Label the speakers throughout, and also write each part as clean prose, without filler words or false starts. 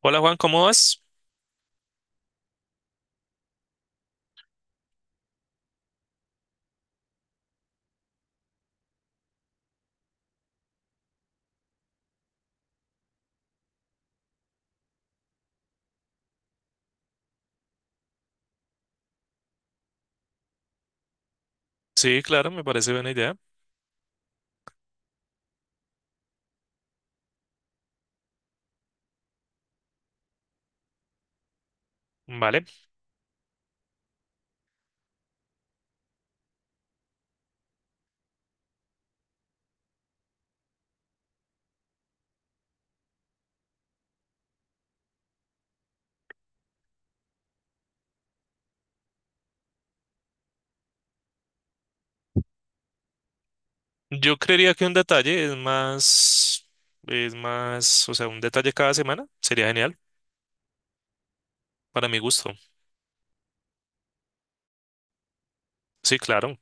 Speaker 1: Hola Juan, ¿cómo vas? Sí, claro, me parece buena idea. Vale. Yo creería que un detalle o sea, un detalle cada semana sería genial para mi gusto. Sí, claro,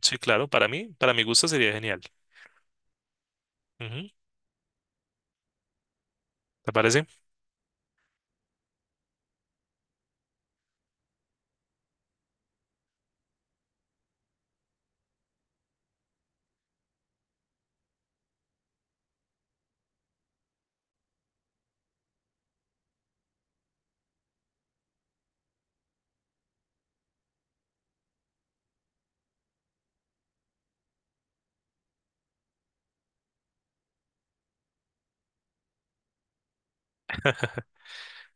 Speaker 1: sí, claro, para mí, para mi gusto sería genial. Ujú. ¿Te parece?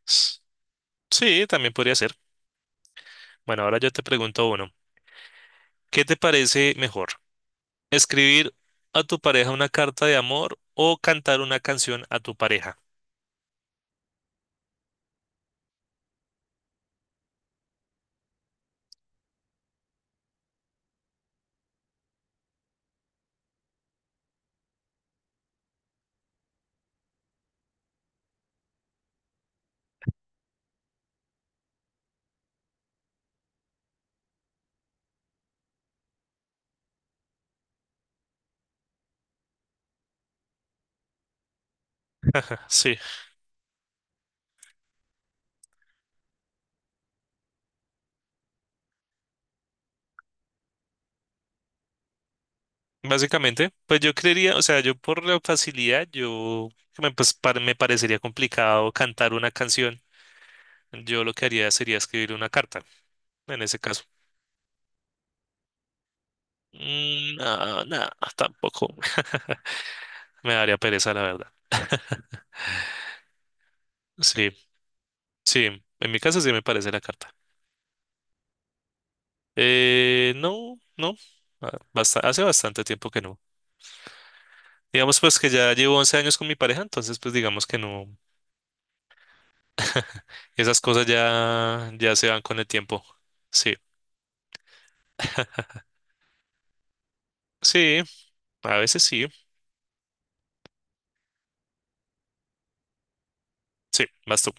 Speaker 1: S- Sí, también podría ser. Bueno, ahora yo te pregunto uno. ¿Qué te parece mejor? ¿Escribir a tu pareja una carta de amor o cantar una canción a tu pareja? Sí. Básicamente, pues yo creería, o sea, yo por la facilidad, yo me, pues, par- me parecería complicado cantar una canción. Yo lo que haría sería escribir una carta, en ese caso. Mm, no, no, tampoco me daría pereza, la verdad. Sí, sí, en mi caso sí me parece la carta. No, no, hace bastante tiempo que no. Digamos pues que ya llevo 11 años con mi pareja, entonces pues digamos que no, esas cosas ya se van con el tiempo. Sí, sí, a veces sí. Sí, vas tú.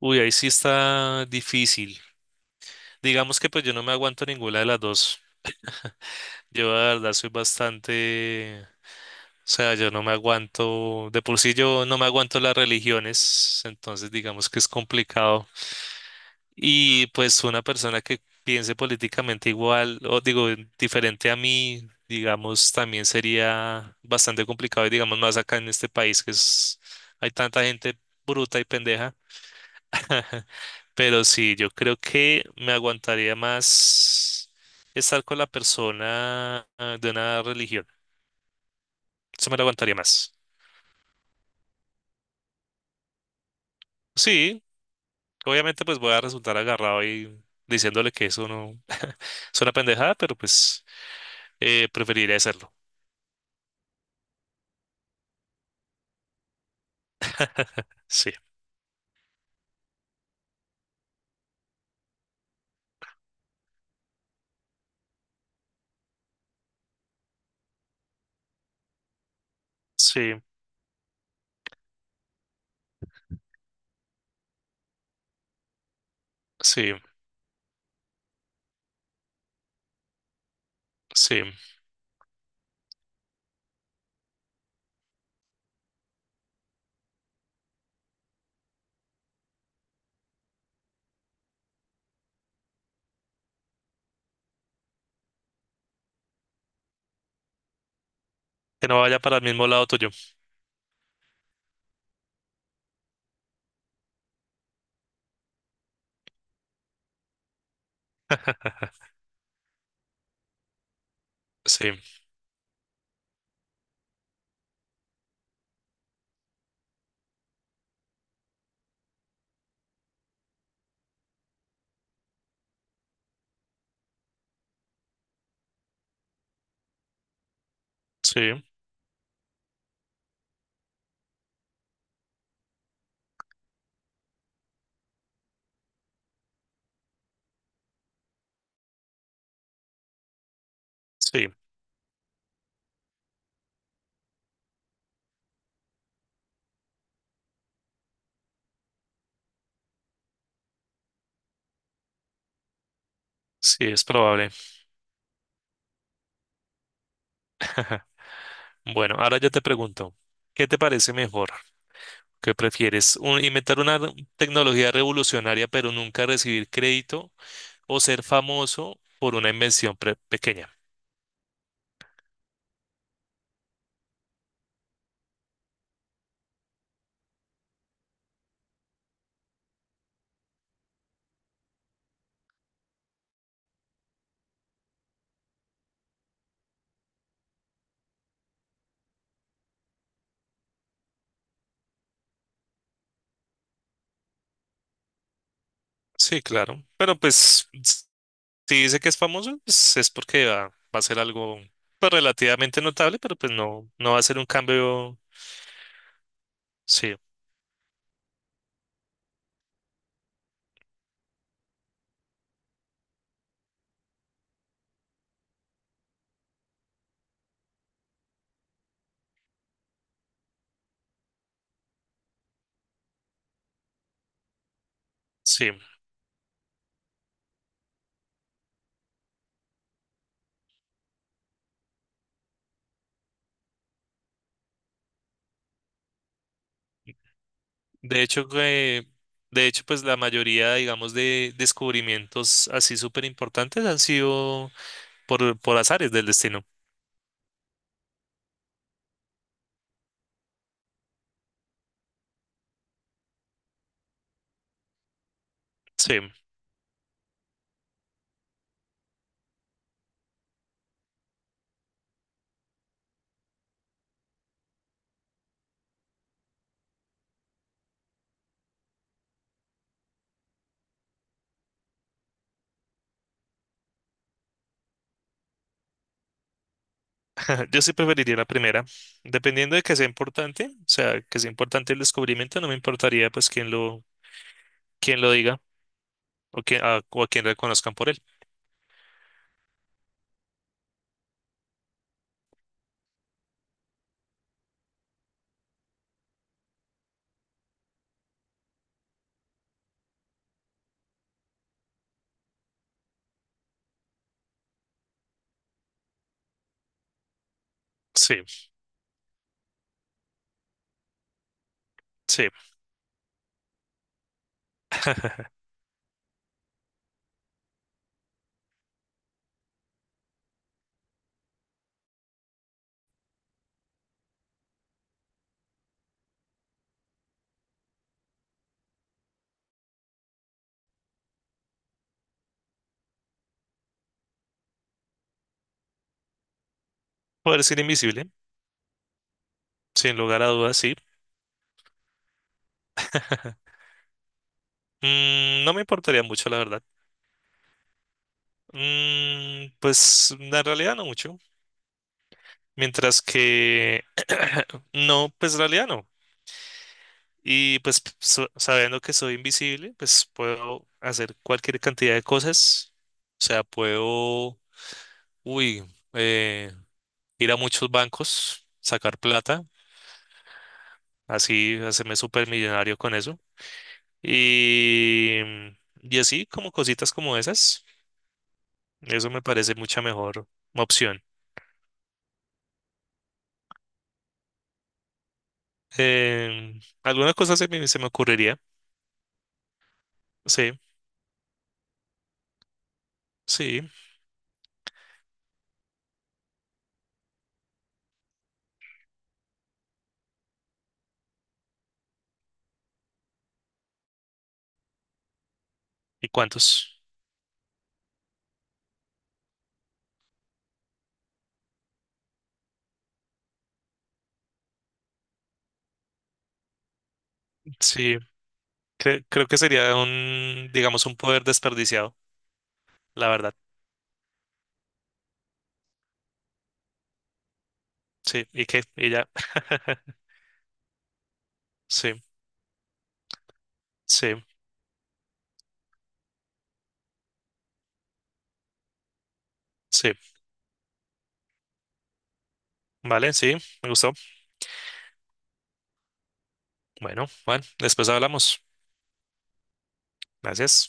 Speaker 1: Uy, ahí sí está difícil. Digamos que pues yo no me aguanto ninguna de las dos. Yo la verdad soy bastante, o sea, yo no me aguanto, de por sí yo no me aguanto las religiones, entonces digamos que es complicado. Y pues una persona que piense políticamente igual, o digo, diferente a mí, digamos, también sería bastante complicado, y digamos más acá en este país hay tanta gente bruta y pendeja. Pero sí, yo creo que me aguantaría más estar con la persona de una religión. Eso me lo aguantaría más. Sí, obviamente pues voy a resultar agarrado y diciéndole que eso no es una pendejada, pero pues preferiría hacerlo. Sí, sí, sí, sí. Que no vaya para el mismo lado tuyo. Sí, sí, sí, sí, es probable. Bueno, ahora yo te pregunto, ¿qué te parece mejor? ¿Qué prefieres? ¿Inventar una tecnología revolucionaria pero nunca recibir crédito o ser famoso por una invención pequeña? Sí, claro. Si dice que es famoso, pues es porque va a ser algo pues, relativamente notable, pero pues no, no va a ser un cambio. Sí, sí. De hecho, que- de hecho, pues la mayoría, digamos, de descubrimientos así súper importantes han sido por azares del destino. Sí, yo sí preferiría la primera. Dependiendo de que sea importante, o sea, que sea importante el descubrimiento, no me importaría pues quién lo diga o, quién, a, o a quién reconozcan por él. Sí, sí. Poder ser invisible, sin lugar a dudas, sí. Mm, no me importaría mucho, la verdad. Mm, pues en realidad no mucho. Mientras que no, pues en realidad no. Sabiendo que soy invisible, pues puedo hacer cualquier cantidad de cosas. O sea, puedo, uy, eh, ir a muchos bancos, sacar plata, así hacerme supermillonario con eso. Y, y así como cositas como esas, eso me parece mucha mejor opción. Em, alguna cosa se me ocurriría. Sí, sí. ¿Y cuántos? Sí. Creo que sería un, digamos, un poder desperdiciado, la verdad. Sí, y que, y ya. Sí, sí, sí. Vale, sí, me gustó. Bueno, Juan, después hablamos. Gracias.